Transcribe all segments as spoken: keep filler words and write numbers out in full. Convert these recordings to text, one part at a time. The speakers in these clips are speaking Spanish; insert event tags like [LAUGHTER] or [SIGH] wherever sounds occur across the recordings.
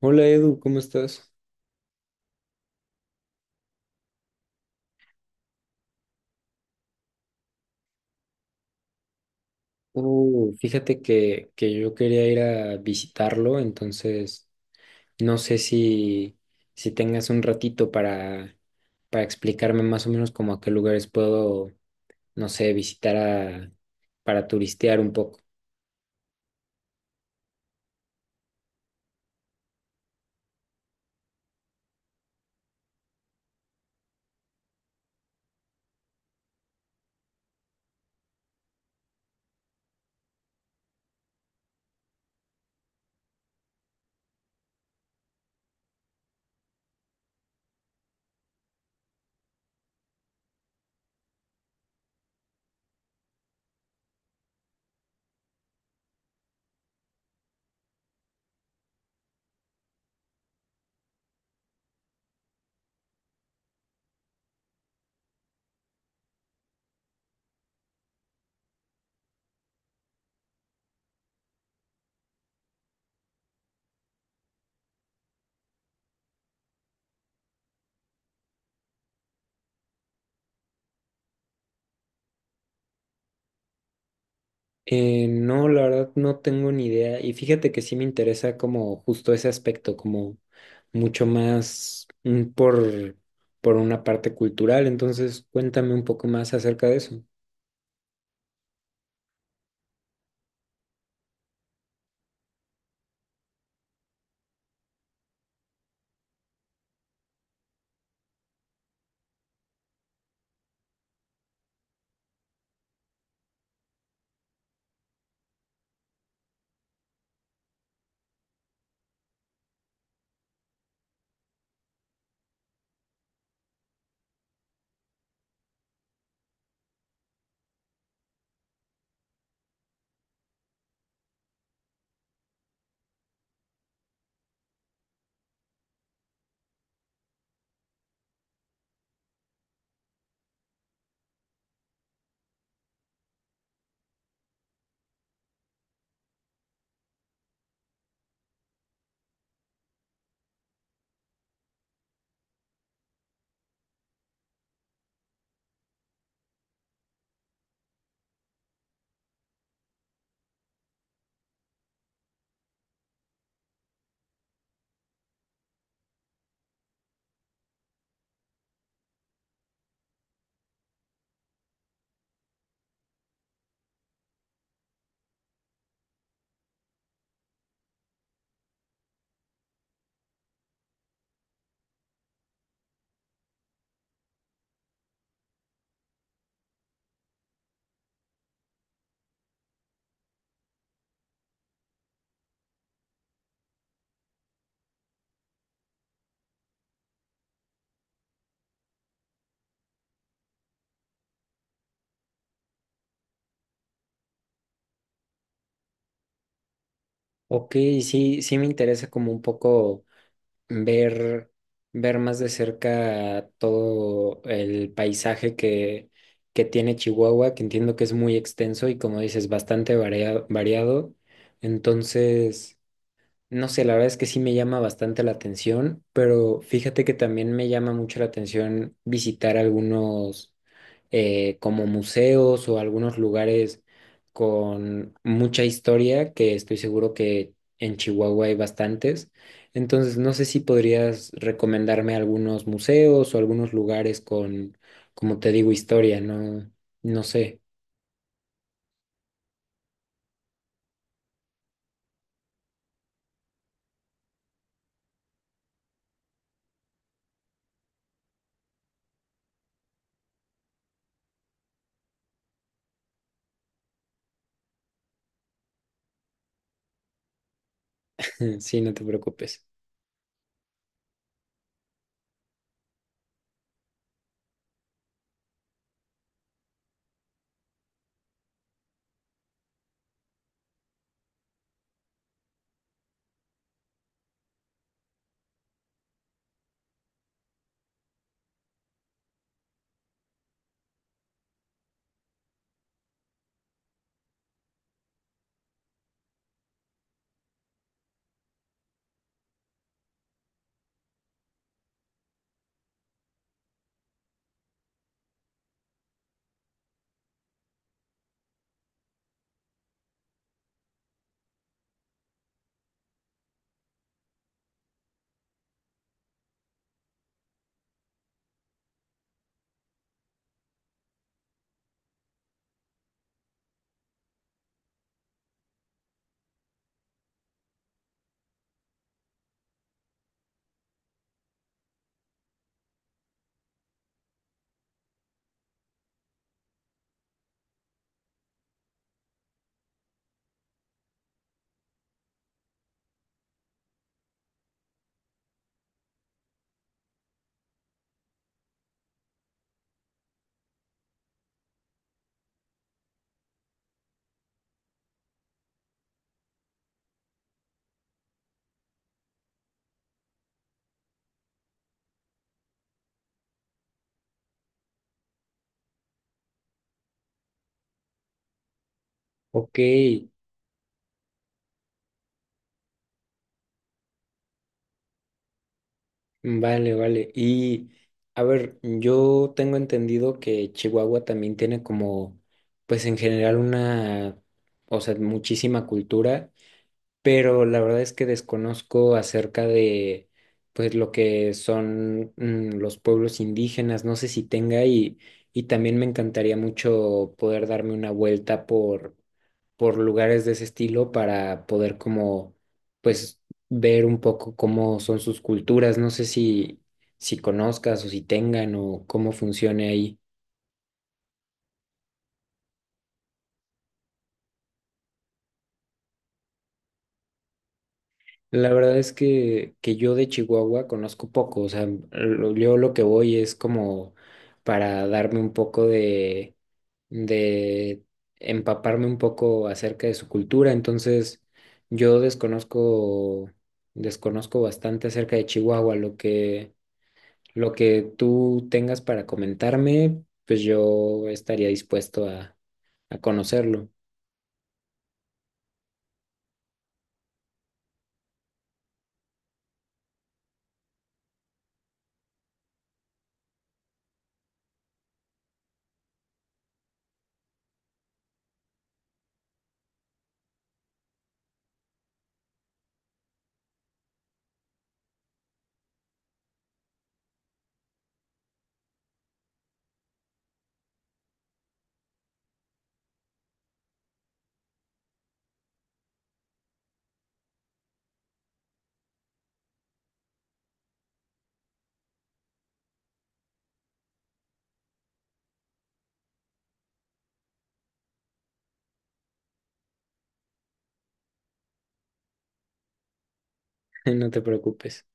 Hola Edu, ¿cómo estás? Uh, fíjate que, que yo quería ir a visitarlo, entonces no sé si, si tengas un ratito para, para explicarme más o menos como a qué lugares puedo, no sé, visitar a- para turistear un poco. Eh, no, la verdad no tengo ni idea y fíjate que sí me interesa como justo ese aspecto, como mucho más mm, por, por una parte cultural, entonces cuéntame un poco más acerca de eso. Ok, sí, sí me interesa como un poco ver, ver más de cerca todo el paisaje que, que tiene Chihuahua, que entiendo que es muy extenso y como dices, bastante varia- variado. Entonces, no sé, la verdad es que sí me llama bastante la atención, pero fíjate que también me llama mucho la atención visitar algunos eh, como museos o algunos lugares con mucha historia, que estoy seguro que en Chihuahua hay bastantes. Entonces, no sé si podrías recomendarme algunos museos o algunos lugares con, como te digo, historia, no, no sé. [LAUGHS] Sí, no te preocupes. Ok, vale, vale. Y a ver, yo tengo entendido que Chihuahua también tiene como, pues en general una, o sea, muchísima cultura. Pero la verdad es que desconozco acerca de pues lo que son mm, los pueblos indígenas, no sé si tenga y, y también me encantaría mucho poder darme una vuelta por, por lugares de ese estilo para poder como pues ver un poco cómo son sus culturas, no sé si, si conozcas o si tengan o cómo funcione ahí. La verdad es que, que yo de Chihuahua conozco poco, o sea, lo- yo lo que voy es como para darme un poco de, de empaparme un poco acerca de su cultura, entonces yo desconozco, desconozco bastante acerca de Chihuahua, lo que, lo que tú tengas para comentarme, pues yo estaría dispuesto a, a conocerlo. [LAUGHS] No te preocupes.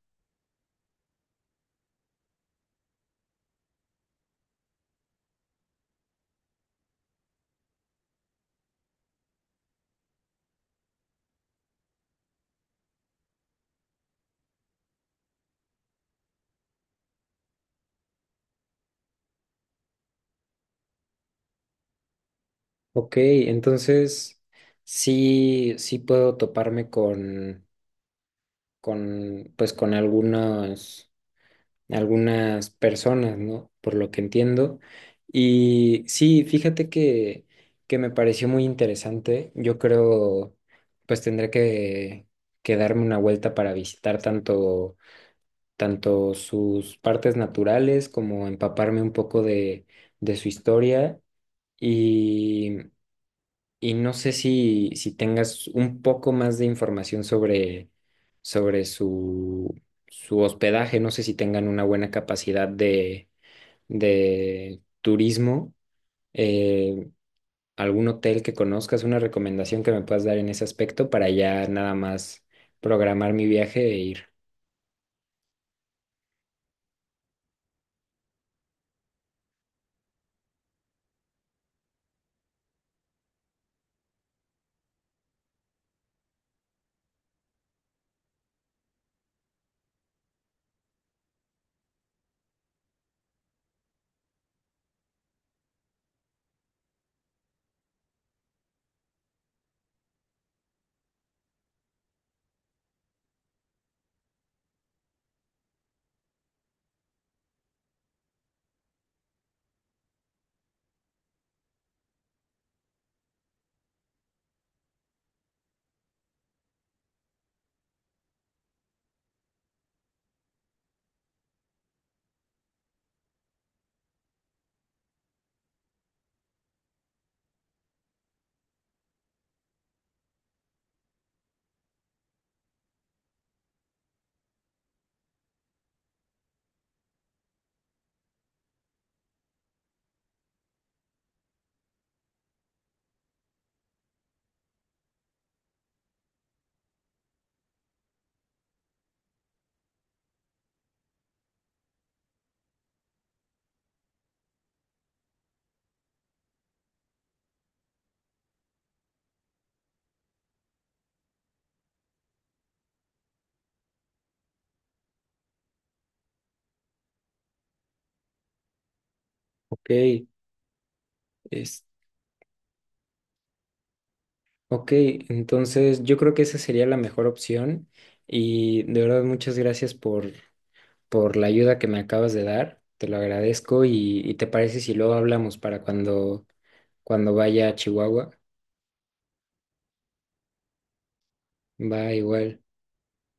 Ok, entonces sí, sí puedo toparme con, con, pues con algunos, algunas personas, ¿no? Por lo que entiendo. Y sí, fíjate que, que me pareció muy interesante. Yo creo, pues tendré que, que darme una vuelta para visitar tanto, tanto sus partes naturales como empaparme un poco de, de su historia. Y no sé si, si tengas un poco más de información sobre, sobre su, su hospedaje. No sé si tengan una buena capacidad de, de turismo. Eh, algún hotel que conozcas, una recomendación que me puedas dar en ese aspecto para ya nada más programar mi viaje e ir. Ok, es, ok, entonces yo creo que esa sería la mejor opción. Y de verdad, muchas gracias por por la ayuda que me acabas de dar. Te lo agradezco y, y te parece si luego hablamos para cuando, cuando vaya a Chihuahua. Va igual.